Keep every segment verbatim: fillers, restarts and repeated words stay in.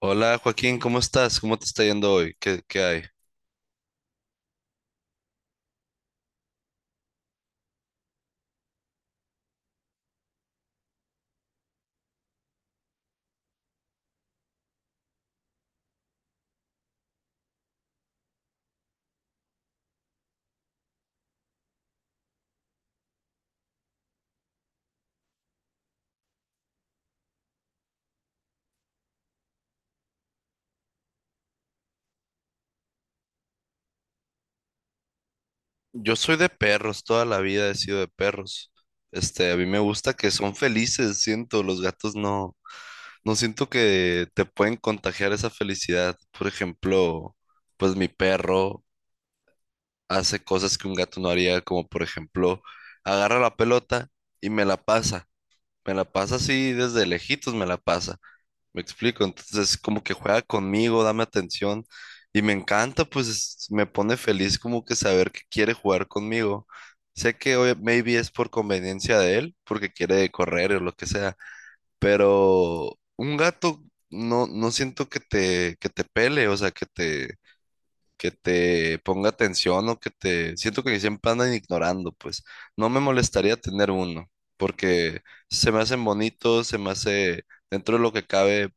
Hola Joaquín, ¿cómo estás? ¿Cómo te está yendo hoy? ¿Qué, qué hay? Yo soy de perros, toda la vida he sido de perros. Este, a mí me gusta que son felices, siento, los gatos no, no siento que te pueden contagiar esa felicidad. Por ejemplo, pues mi perro hace cosas que un gato no haría, como por ejemplo, agarra la pelota y me la pasa. Me la pasa así desde lejitos, me la pasa. Me explico, entonces como que juega conmigo, dame atención y me encanta, pues es- me pone feliz como que saber que quiere jugar conmigo. Sé que hoy maybe es por conveniencia de él, porque quiere correr o lo que sea, pero un gato no, no siento que te, que te pele, o sea, que te, que te ponga atención o que te... Siento que siempre andan ignorando, pues no me molestaría tener uno, porque se me hacen bonitos, se me hace dentro de lo que cabe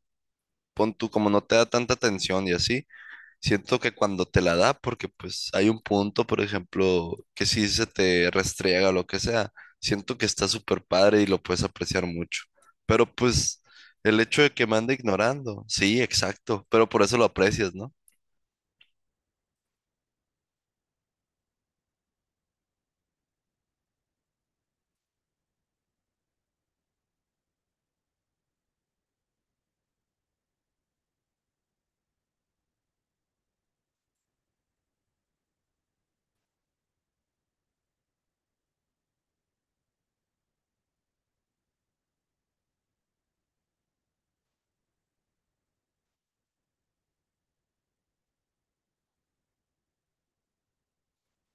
pon tú, como no te da tanta atención y así, siento que cuando te la da, porque pues hay un punto, por ejemplo, que si se te restriega o lo que sea, siento que está súper padre y lo puedes apreciar mucho. Pero pues el hecho de que me ande ignorando, sí, exacto, pero por eso lo aprecias, ¿no?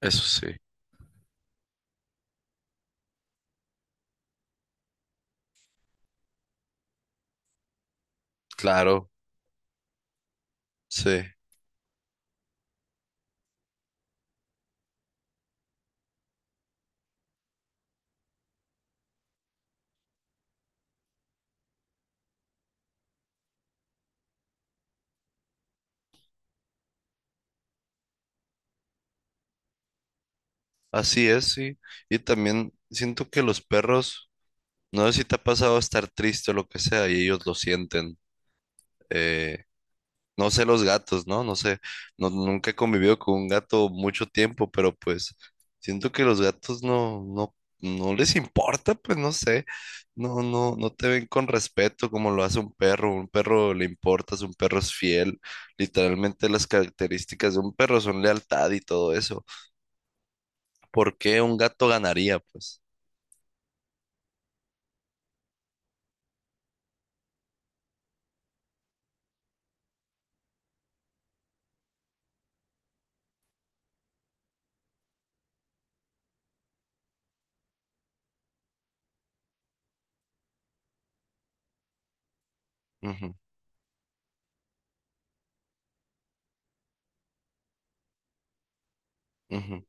Eso sí, claro, sí, así es, sí. Y también siento que los perros, no sé si te ha pasado estar triste o lo que sea, y ellos lo sienten. eh, No sé los gatos, ¿no? No sé, no, nunca he convivido con un gato mucho tiempo, pero pues siento que los gatos no, no, no les importa, pues no sé, no, no, no te ven con respeto como lo hace un perro, un perro le importas, un perro es fiel, literalmente las características de un perro son lealtad y todo eso. ¿Por qué un gato ganaría, pues? Ujú, ujú.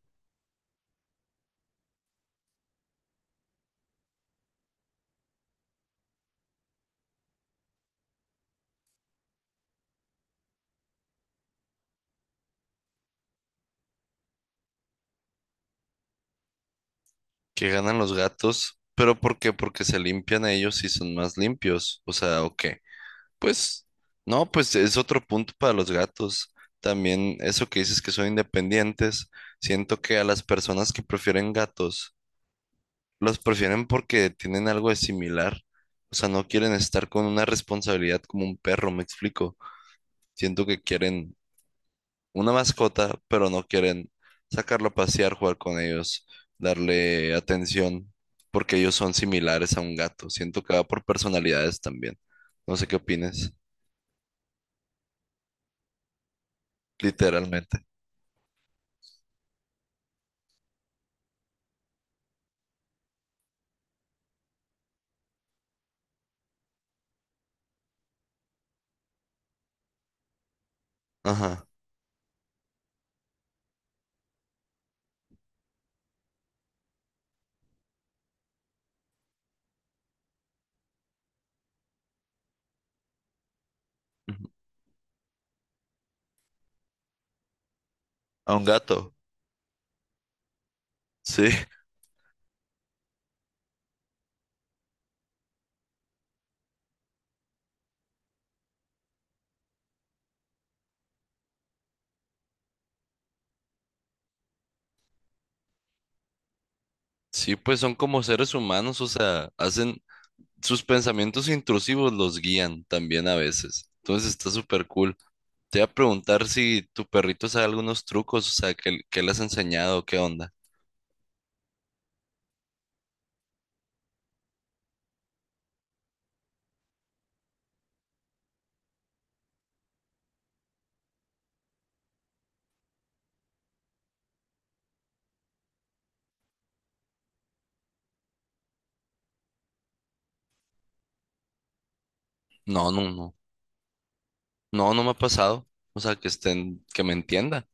¿Qué ganan los gatos? ¿Pero por qué? Porque se limpian ellos y son más limpios, o sea, ok. Pues, no, pues es otro punto para los gatos. También eso que dices que son independientes, siento que a las personas que prefieren gatos, los prefieren porque tienen algo de similar. O sea, no quieren estar con una responsabilidad como un perro, me explico. Siento que quieren una mascota, pero no quieren sacarlo a pasear, jugar con ellos, darle atención, porque ellos son similares a un gato. Siento que va por personalidades también. No sé qué opines, literalmente. Ajá. Ujú. A un gato, sí. Sí, pues son como seres humanos, o sea, hacen sus pensamientos intrusivos los guían también a veces. Entonces está súper cool. Te iba a preguntar si tu perrito sabe algunos trucos, o sea, que, que le has enseñado, qué onda. No, no, no. No, no me ha pasado. O sea, que estén, que me entienda.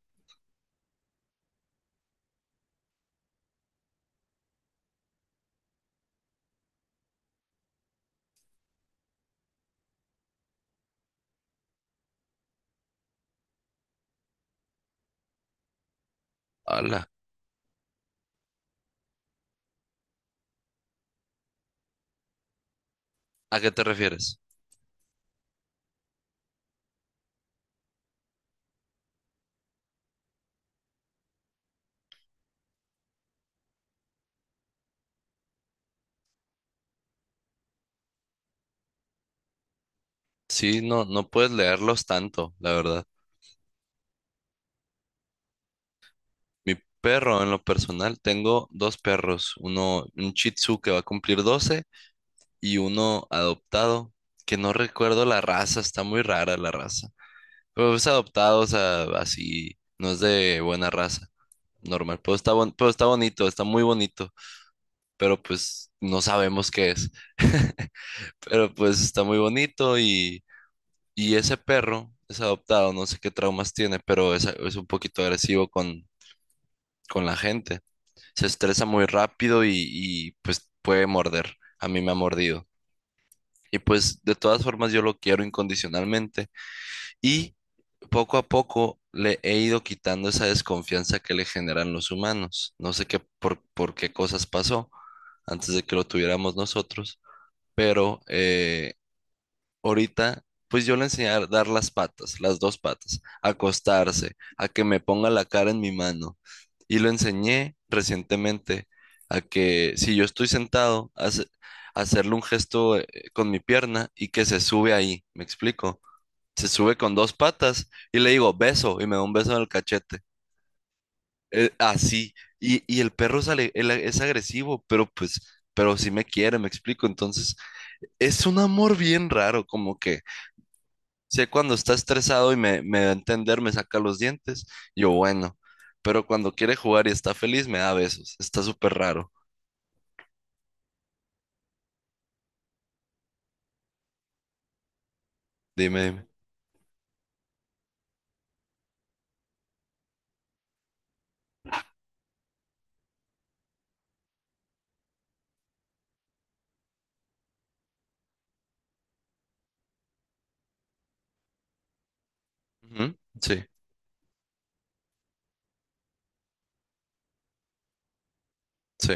Hala. ¿A qué te refieres? Sí, no, no puedes leerlos tanto, la verdad. Mi perro, en lo personal, tengo dos perros. Uno, un Shih Tzu que va a cumplir doce y uno adoptado, que no recuerdo la raza, está muy rara la raza. Pero es adoptado, o sea, así, no es de buena raza, normal. Pero está, bon- pero está bonito, está muy bonito, pero pues no sabemos qué es. Pero pues está muy bonito y, y ese perro es adoptado, no sé qué traumas tiene, pero es, es un poquito agresivo con, con la gente. Se estresa muy rápido y, y pues puede morder. A mí me ha mordido. Y pues de todas formas yo lo quiero incondicionalmente. Y poco a poco le he ido quitando esa desconfianza que le generan los humanos. No sé qué por, por qué cosas pasó antes de que lo tuviéramos nosotros, pero eh, ahorita, pues yo le enseñé a dar las patas, las dos patas, a acostarse, a que me ponga la cara en mi mano. Y lo enseñé recientemente a que si yo estoy sentado, hace- hacerle un gesto eh, con mi pierna y que se sube ahí, ¿me explico? Se sube con dos patas y le digo, beso, y me da un beso en el cachete. Eh, así. Y, y el perro sale, él es agresivo, pero pues, pero sí me quiere, me explico. Entonces, es un amor bien raro, como que sé cuando está estresado y me, me da a entender, me saca los dientes, yo bueno, pero cuando quiere jugar y está feliz, me da besos. Está súper raro. Dime, dime. Ujú, sí, sí,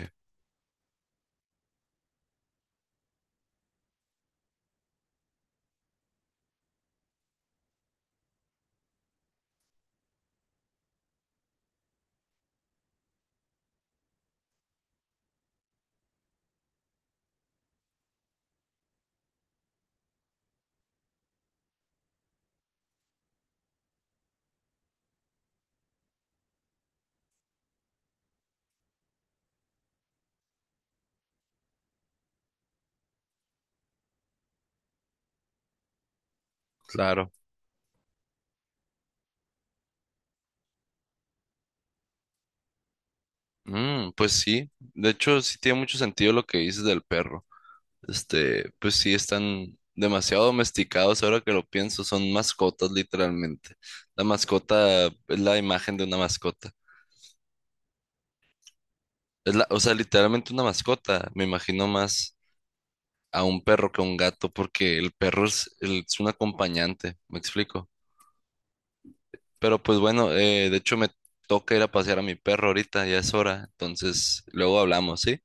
claro. Mm, pues sí, de hecho sí tiene mucho sentido lo que dices del perro. Este, pues sí, están demasiado domesticados ahora que lo pienso, son mascotas literalmente. La mascota es la imagen de una mascota. Es la, o sea, literalmente una mascota. Me imagino más a un perro que a un gato porque el perro es, el- es un acompañante, me explico. Pero pues bueno, eh, de hecho me toca ir a pasear a mi perro ahorita, ya es hora. Entonces, luego hablamos, ¿sí?